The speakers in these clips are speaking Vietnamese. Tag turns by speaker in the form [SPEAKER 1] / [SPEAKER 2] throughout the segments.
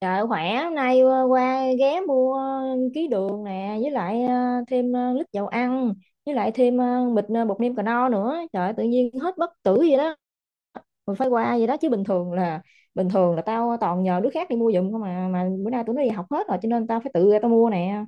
[SPEAKER 1] Trời khỏe, hôm nay qua ghé mua ký đường nè, với lại thêm lít dầu ăn, với lại thêm bịch bột nêm cà no nữa. Trời ơi, tự nhiên hết bất tử vậy đó. Mình phải qua vậy đó chứ bình thường là tao toàn nhờ đứa khác đi mua giùm không mà bữa nay tụi nó đi học hết rồi, cho nên tao phải tự ra tao mua nè.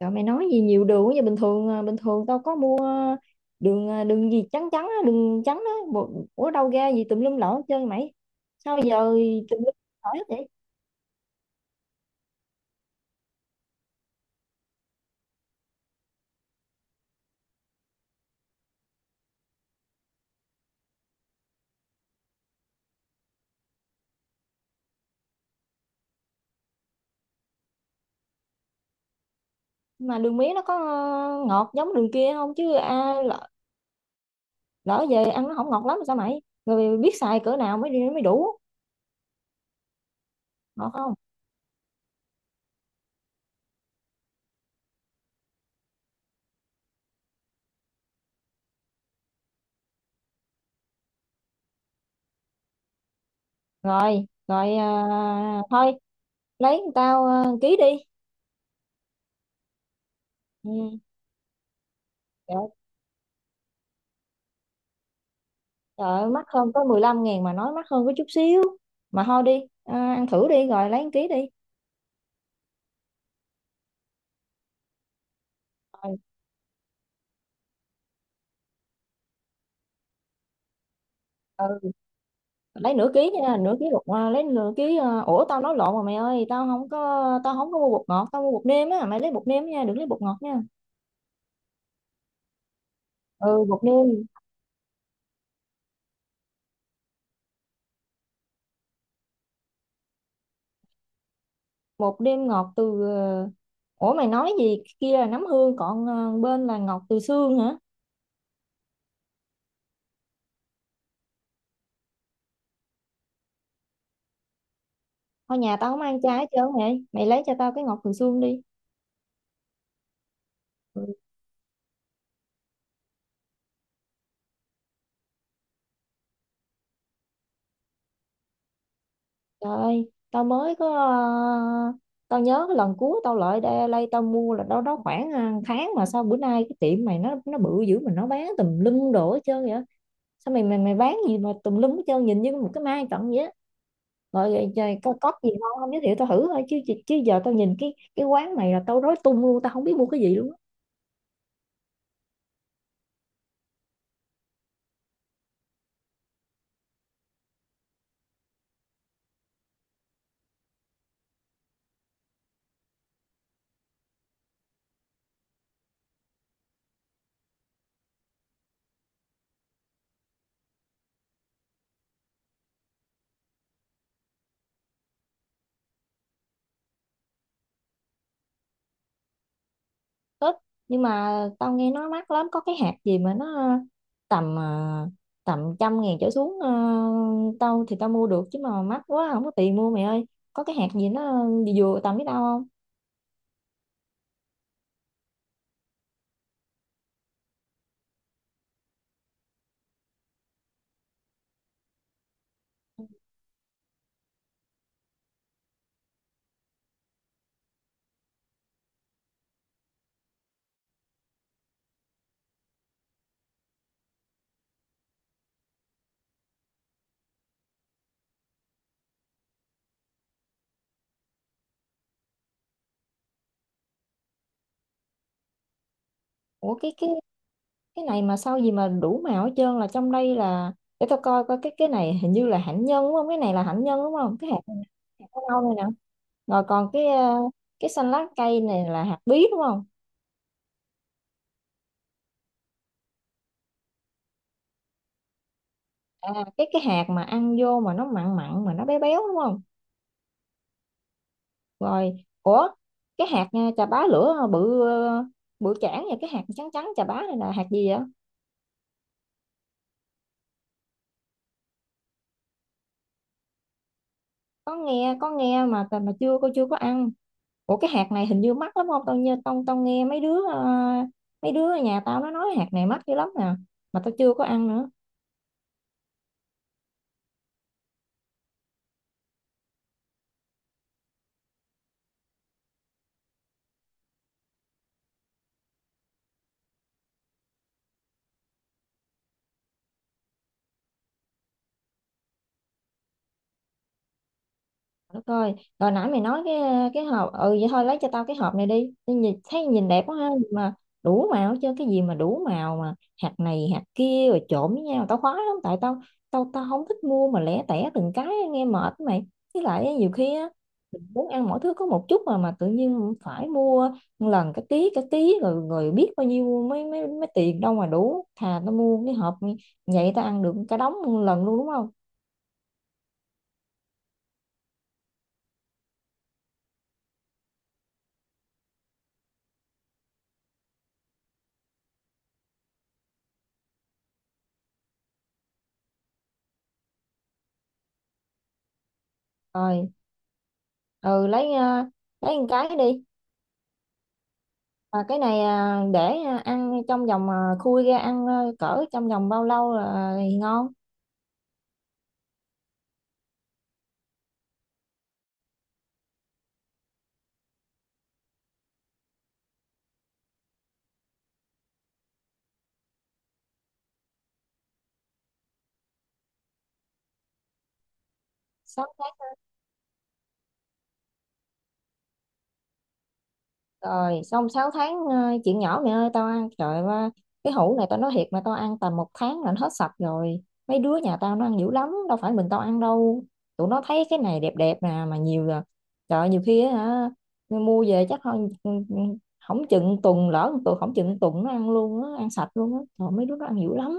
[SPEAKER 1] Trời mày nói gì nhiều đường quá vậy, bình thường tao có mua đường gì trắng trắng á, đường trắng á, ủa đâu ra gì tùm lum lỗ hết trơn mày. Sao giờ tùm lum lỗ hết vậy? Mà đường mía nó có ngọt giống đường kia không chứ, à, lỡ về ăn nó không ngọt lắm sao mày, rồi biết xài cỡ nào mới đi mới đủ ngọt không? Rồi rồi, à, thôi lấy tao à, ký đi. Ừ. Trời, trời ơi, mắc hơn có 15.000 mà nói mắc hơn có chút xíu. Mà thôi đi à, ăn thử đi rồi lấy 1 ký đi. Rồi, ừ, lấy nửa ký nha, nửa ký bột à, lấy nửa ký à, ủa tao nói lộn rồi mày ơi, tao không có mua bột ngọt, tao mua bột nêm á, mày lấy bột nêm nha, đừng lấy bột ngọt nha. Ừ, bột nêm, một đêm ngọt từ ủa mày nói gì kia, là nấm hương còn bên là ngọt từ xương hả? Thôi nhà tao không ăn trái hết trơn vậy, mày lấy cho tao cái ngọt từ xương đi. Ừ. Trời ơi tao mới có tao nhớ cái lần cuối tao lại đây, đây tao mua là đâu đó khoảng tháng, mà sao bữa nay cái tiệm mày nó bự dữ mà nó bán tùm lum đồ hết trơn vậy? Sao mày mày mày bán gì mà tùm lum hết trơn, nhìn như một cái mai cận vậy á? Rồi, rồi, rồi có, gì ngon không giới thiệu tao thử, thôi chứ chứ chứ giờ tao nhìn cái quán này là tao rối tung luôn, tao không biết mua cái gì luôn á. Tết nhưng mà tao nghe nó mắc lắm, có cái hạt gì mà nó tầm tầm 100.000 trở xuống tao thì tao mua được chứ mà mắc quá không có tiền mua mày ơi. Có cái hạt gì nó vừa vừa tầm với tao không? Ủa cái này mà sao gì mà đủ màu hết trơn, là trong đây là để tao coi coi cái này hình như là hạnh nhân đúng không, cái này là hạnh nhân đúng không? Cái hạt này nè, hạt có nâu này nè, rồi còn cái xanh lá cây này là hạt bí đúng không? À, cái hạt mà ăn vô mà nó mặn mặn mà nó béo béo đúng không? Rồi. Ủa cái hạt chà bá lửa bự bự chảng và cái hạt trắng trắng chà bá này là hạt gì vậy? Có nghe có nghe mà chưa, cô chưa có ăn. Ủa cái hạt này hình như mắc lắm không, tao như tao tao nghe mấy đứa mấy đứa ở nhà tao nó nói hạt này mắc dữ lắm nè, mà tao chưa có ăn nữa. Đất ơi, rồi nãy mày nói cái hộp, ừ vậy thôi lấy cho tao cái hộp này đi. Tao nhìn thấy nhìn đẹp quá ha, mà đủ màu chứ cái gì mà đủ màu mà hạt này hạt kia rồi trộn với nhau, tao khoái lắm tại tao tao tao không thích mua mà lẻ tẻ từng cái nghe mệt á mày. Với lại á, nhiều khi á mình muốn ăn mỗi thứ có một chút mà tự nhiên phải mua một lần cái ký cái ký, rồi rồi biết bao nhiêu mấy mấy mấy tiền đâu mà đủ. Thà tao mua cái hộp vậy tao ăn được cả đống một lần luôn đúng không? Rồi, ừ lấy một cái đi. Mà cái này à, để à, ăn trong vòng à, khui ra ăn à, cỡ trong vòng bao lâu là thì ngon? 6 tháng. Rồi, xong 6 tháng à, chuyện nhỏ mẹ ơi tao ăn trời ơi, cái hũ này tao nói thiệt mà tao ăn tầm 1 tháng là nó hết sạch rồi. Mấy đứa nhà tao nó ăn dữ lắm, đâu phải mình tao ăn đâu. Tụi nó thấy cái này đẹp đẹp nè mà nhiều là trời ơi, nhiều khi á hả mua về chắc không không chừng tuần, lỡ 1 tuần không chừng tuần nó ăn luôn á, ăn sạch luôn á. Trời mấy đứa nó ăn dữ lắm.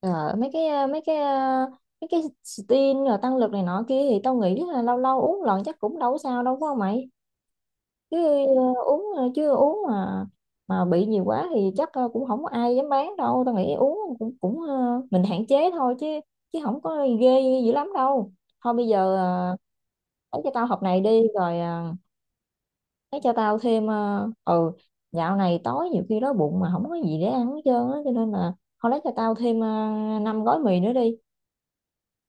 [SPEAKER 1] Ờ, mấy cái steam rồi tăng lực này nọ kia thì tao nghĩ là lâu lâu uống lần chắc cũng đâu có sao đâu phải không mày? Chứ ờ, uống ờ, chứ uống mà bị nhiều quá thì chắc cũng không có ai dám bán đâu, tao nghĩ uống cũng cũng mình hạn chế thôi chứ chứ không có ghê dữ lắm đâu. Thôi bây giờ lấy cho tao hộp này đi rồi lấy cho tao thêm ừ dạo này tối nhiều khi đói bụng mà không có gì để ăn hết trơn á, cho nên là thôi lấy cho tao thêm 5 gói mì nữa đi,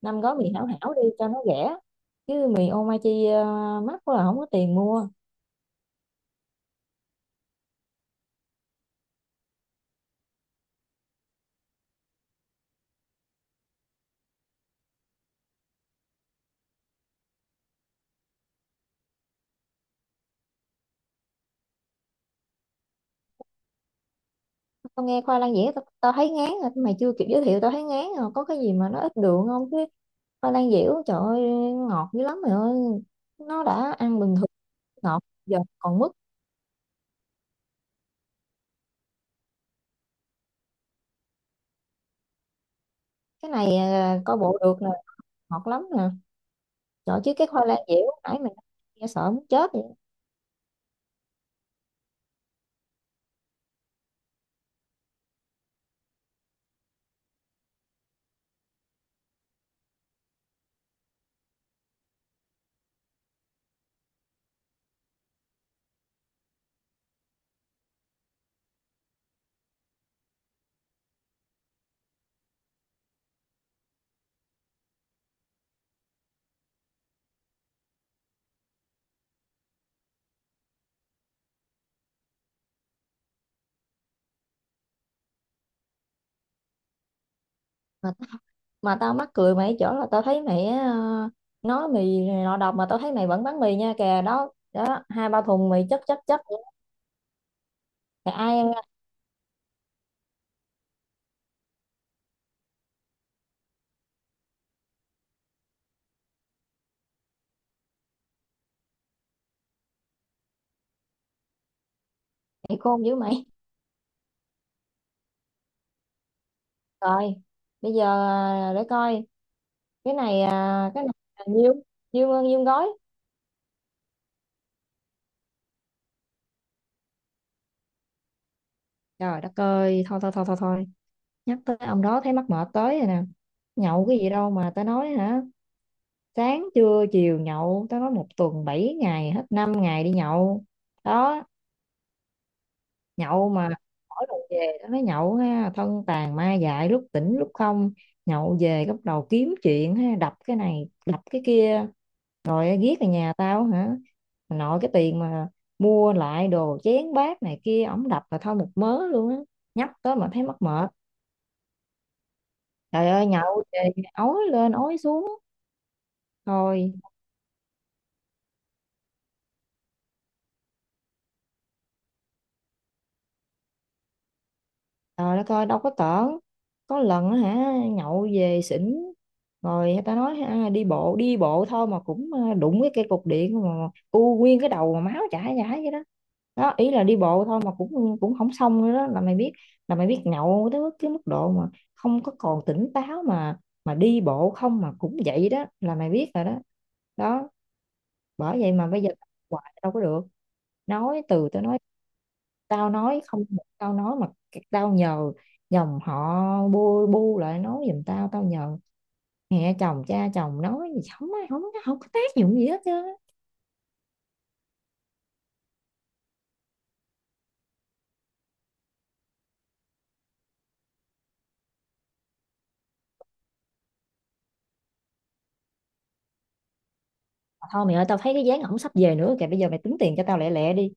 [SPEAKER 1] năm gói mì hảo hảo đi cho nó rẻ, chứ mì Omachi mắc quá là không có tiền mua. Tao nghe khoai lang dẻo tao thấy ngán rồi mày chưa kịp giới thiệu tao thấy ngán rồi, có cái gì mà nó ít đường không chứ? Khoai lang dẻo trời ơi, ngọt dữ lắm mày ơi, nó đã ăn bình thường, ngọt giờ còn mứt. Cái này coi bộ được nè. Ngọt lắm nè. Trời chứ cái khoai lang dẻo nãy mày nghe sợ muốn chết vậy. Mà mà tao mắc cười mày ở chỗ là tao thấy mày nói mì này nọ độc mà tao thấy mày vẫn bán mì nha kìa, đó đó hai ba thùng mì chất chất chất. Mày ai ăn? Mày khôn dữ mày. Rồi bây giờ à, để coi cái này à, cái này là nhiêu nhiêu nhiêu gói? Trời đất ơi thôi thôi thôi thôi thôi, nhắc tới ông đó thấy mắc mệt tới rồi nè, nhậu cái gì đâu mà tao nói hả? Sáng trưa chiều nhậu, tao nói 1 tuần 7 ngày hết 5 ngày đi nhậu đó. Nhậu mà mỗi lần về nó nói nhậu ha thân tàn ma dại lúc tỉnh lúc không, nhậu về bắt đầu kiếm chuyện ha đập cái này đập cái kia rồi ghét ở nhà tao hả. Mà nội cái tiền mà mua lại đồ chén bát này kia ổng đập là thôi một mớ luôn á, nhắc tới mà thấy mắc mệt. Trời ơi nhậu về ói lên ói xuống thôi. Trời đất ơi đâu có tởn. Có lần á hả nhậu về xỉn, rồi người ta nói ha, đi bộ, đi bộ thôi mà cũng đụng cái cây cục điện mà u nguyên cái đầu mà máu chảy chảy vậy đó, đó ý là đi bộ thôi mà cũng cũng không xong nữa, đó là mày biết nhậu tới cái mức độ mà không có còn tỉnh táo mà đi bộ không mà cũng vậy đó, là mày biết rồi đó đó. Bởi vậy mà bây giờ hoài đâu có được, nói từ tao nói không một câu nói mà, tao nhờ dòng họ bu bu lại nói giùm tao, tao nhờ mẹ chồng cha chồng nói gì không ai, không không có tác dụng gì hết chứ. Mà thôi mày ơi, tao thấy cái dáng ổng sắp về nữa kìa, bây giờ mày tính tiền cho tao lẹ lẹ đi.